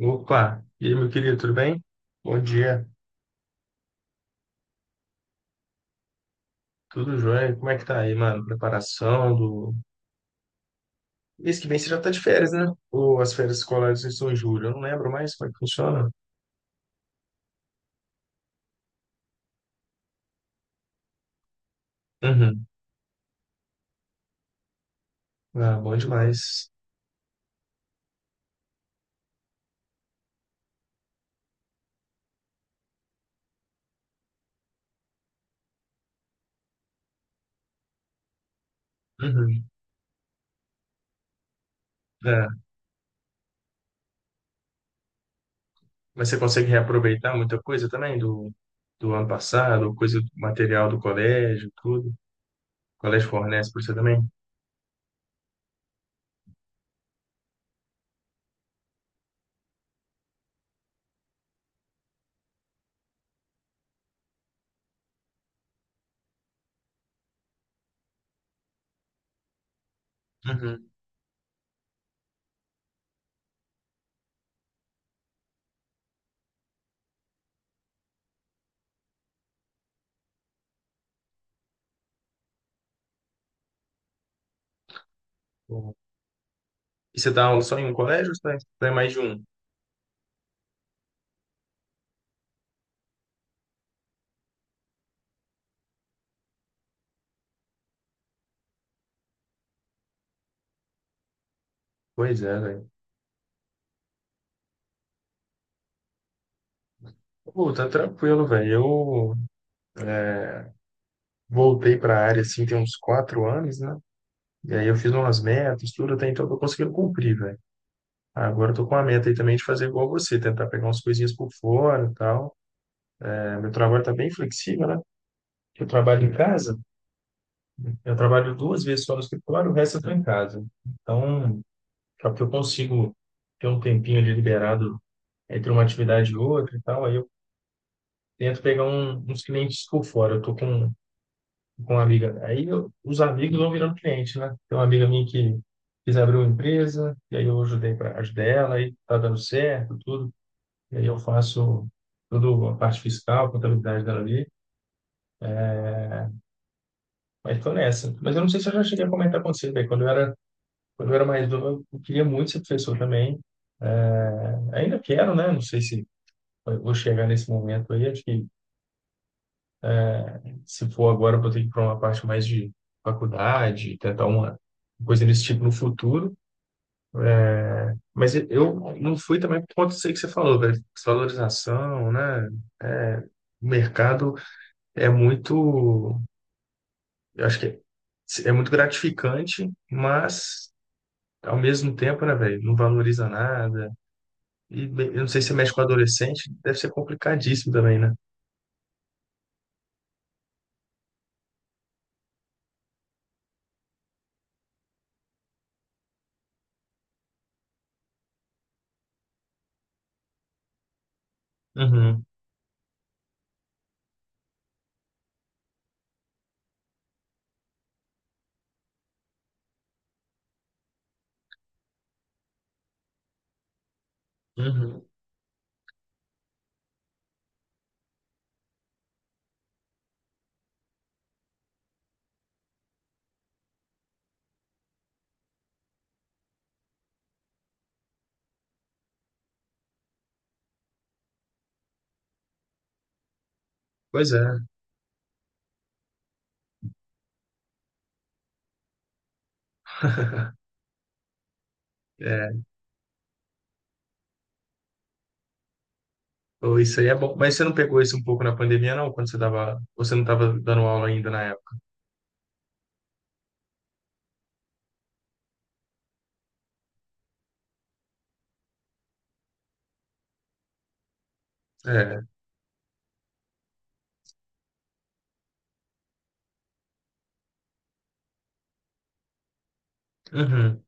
Opa, e aí, meu querido, tudo bem? Bom dia, tudo jóia? Como é que tá aí, mano? Preparação do... Mês que vem você já tá de férias, né? Ou as férias escolares estão em julho? Eu não lembro mais como é que funciona. Uhum. Ah, bom demais. Uhum. É. Mas você consegue reaproveitar muita coisa também do ano passado, coisa do material do colégio, tudo? O colégio fornece para você também? Uhum. Bom. E você dá aula só em um colégio ou você tá em mais de um? Pois é, velho. Pô, tá tranquilo, velho. Voltei para a área assim tem uns 4 anos, né? E aí eu fiz umas metas, tudo, até então eu tô conseguindo cumprir, velho. Ah, agora eu tô com a meta aí também de fazer igual você, tentar pegar umas coisinhas por fora e tal. É, meu trabalho tá bem flexível, né? Eu trabalho em casa, eu trabalho duas vezes só no escritório, o resto eu tô em casa. Então, é que eu consigo ter um tempinho ali liberado entre uma atividade e outra e tal, aí eu tento pegar uns clientes por fora. Eu tô com uma amiga. Os amigos vão virando cliente, né? Tem uma amiga minha que quis abrir uma empresa, e aí eu ajudei para ajudar ela, aí tá dando certo, tudo. E aí eu faço toda a parte fiscal, contabilidade dela ali. Mas tô nessa. Mas eu não sei se eu já cheguei a comentar com você, velho. Quando eu era mais novo, eu queria muito ser professor também. É, ainda quero, né? Não sei se eu vou chegar nesse momento aí. Acho que se for agora, eu vou ter que ir para uma parte mais de faculdade, tentar uma coisa desse tipo no futuro. Mas eu não fui também por conta disso aí que você falou, velho. Desvalorização, né? É, o mercado é muito, eu acho que é muito gratificante, mas ao mesmo tempo, né, velho, não valoriza nada. E bem, eu não sei se você mexe com adolescente, deve ser complicadíssimo também, né? Uhum, uhum. Pois é, é. Pô, isso aí é bom. Mas você não pegou isso um pouco na pandemia, não? Quando você dava, você não estava dando aula ainda na época? É. Uhum.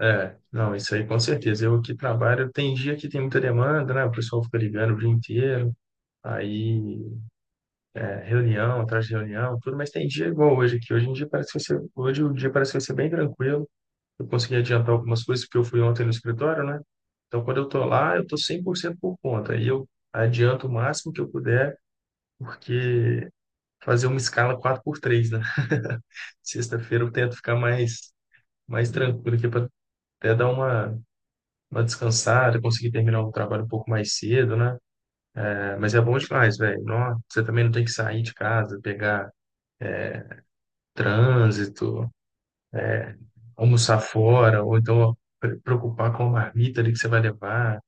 É, não, isso aí com certeza. Eu aqui trabalho, tem dia que tem muita demanda, né? O pessoal fica ligando o dia inteiro, aí é, reunião, atrás de reunião, tudo, mas tem dia igual hoje aqui. Hoje em dia parece que vai ser, hoje o dia parece que vai ser bem tranquilo. Eu consegui adiantar algumas coisas porque eu fui ontem no escritório, né? Então quando eu tô lá, eu tô 100% por conta. Aí eu adianto o máximo que eu puder, porque fazer uma escala quatro por três, né? Sexta-feira eu tento ficar mais tranquilo aqui para até dar uma descansada, conseguir terminar o trabalho um pouco mais cedo, né? É, mas é bom demais, velho. Nó, você também não tem que sair de casa, pegar trânsito, almoçar fora, ou então preocupar com a marmita ali que você vai levar.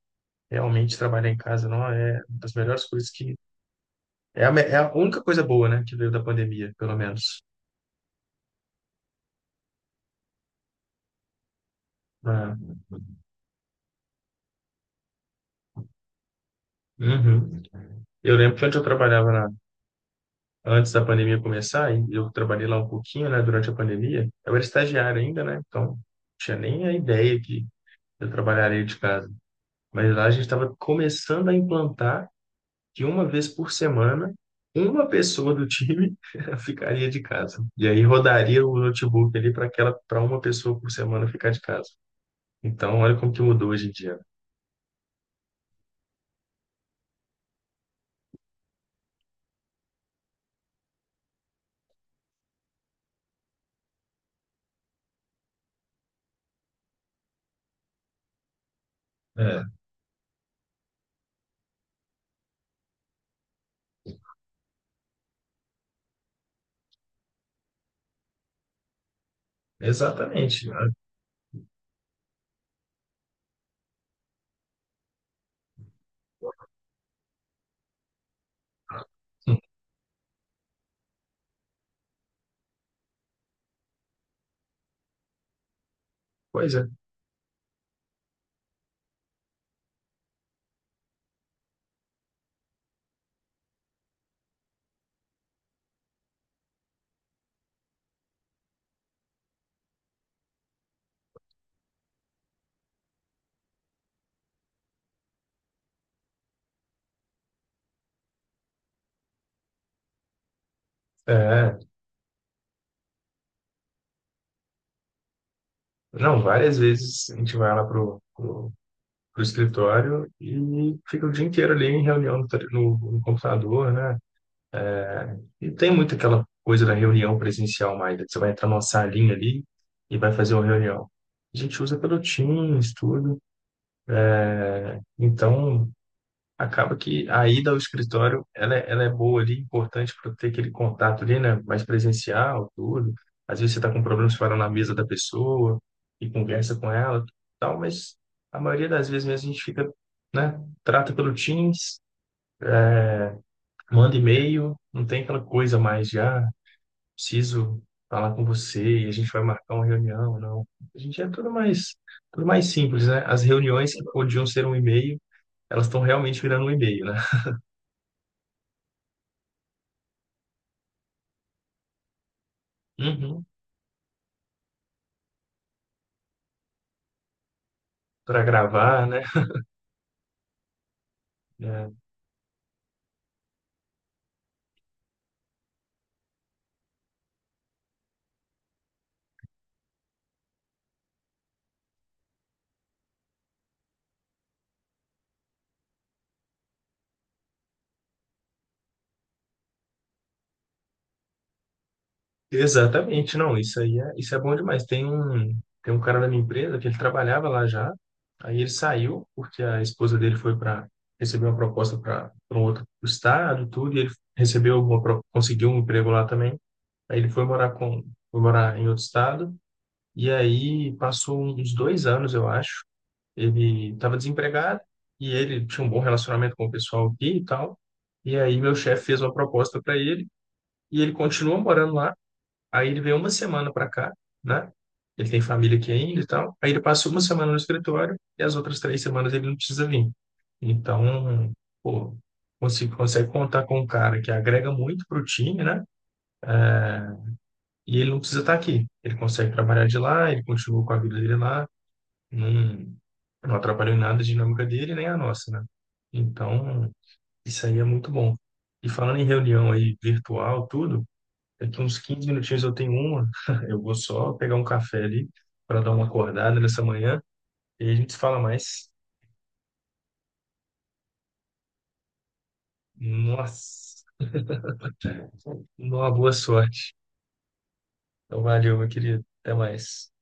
Realmente trabalhar em casa, não é uma das melhores coisas que. É a única coisa boa, né, que veio da pandemia, pelo menos. Ah, uhum. Eu lembro que onde eu trabalhava antes da pandemia começar, e eu trabalhei lá um pouquinho, né, durante a pandemia, eu era estagiário ainda, né, então não tinha nem a ideia que eu trabalharia de casa. Mas lá a gente estava começando a implantar que uma vez por semana, uma pessoa do time ficaria de casa. E aí rodaria o notebook ali para aquela, para uma pessoa por semana ficar de casa. Então, olha como que mudou hoje em dia. É, exatamente, né? Pois é. É. Não, várias vezes a gente vai lá pro escritório e fica o dia inteiro ali em reunião no computador, né? Não tem muito aquela coisa da reunião presencial mais, né? Que você vai entrar numa salinha ali e vai fazer uma reunião. A gente usa pelo Teams, tudo. Então, acaba que a ida ao escritório, ela, ela é boa ali, importante para ter aquele contato ali, né? Mais presencial, tudo. Às vezes você está com problemas fora na mesa da pessoa e conversa com ela, tal, mas a maioria das vezes mesmo a gente fica, né? Trata pelo Teams, manda e-mail, não tem aquela coisa mais já preciso falar com você e a gente vai marcar uma reunião, não. A gente é tudo mais simples, né? As reuniões que podiam ser um e-mail, elas estão realmente virando um e-mail, né? Uhum. Para gravar, né? É, exatamente, não, isso aí é, isso é bom demais. Tem um cara da minha empresa que ele trabalhava lá já, aí ele saiu porque a esposa dele foi para receber uma proposta para um outro estado, tudo, e ele conseguiu um emprego lá também. Aí ele foi morar com, foi morar em outro estado. E aí passou uns 2 anos, eu acho. Ele estava desempregado e ele tinha um bom relacionamento com o pessoal aqui e tal. E aí meu chefe fez uma proposta para ele e ele continua morando lá. Aí ele veio uma semana para cá, né? Ele tem família aqui ainda e tal. Aí ele passa uma semana no escritório e as outras 3 semanas ele não precisa vir. Então, pô, você consegue contar com um cara que agrega muito para o time, né? E ele não precisa estar aqui. Ele consegue trabalhar de lá, ele continua com a vida dele lá. Não, não atrapalhou em nada a dinâmica dele nem a nossa, né? Então, isso aí é muito bom. E falando em reunião aí virtual, tudo, daqui uns 15 minutinhos eu tenho uma, eu vou só pegar um café ali para dar uma acordada nessa manhã e a gente se fala mais. Nossa, uma boa sorte. Então, valeu, meu querido. Até mais.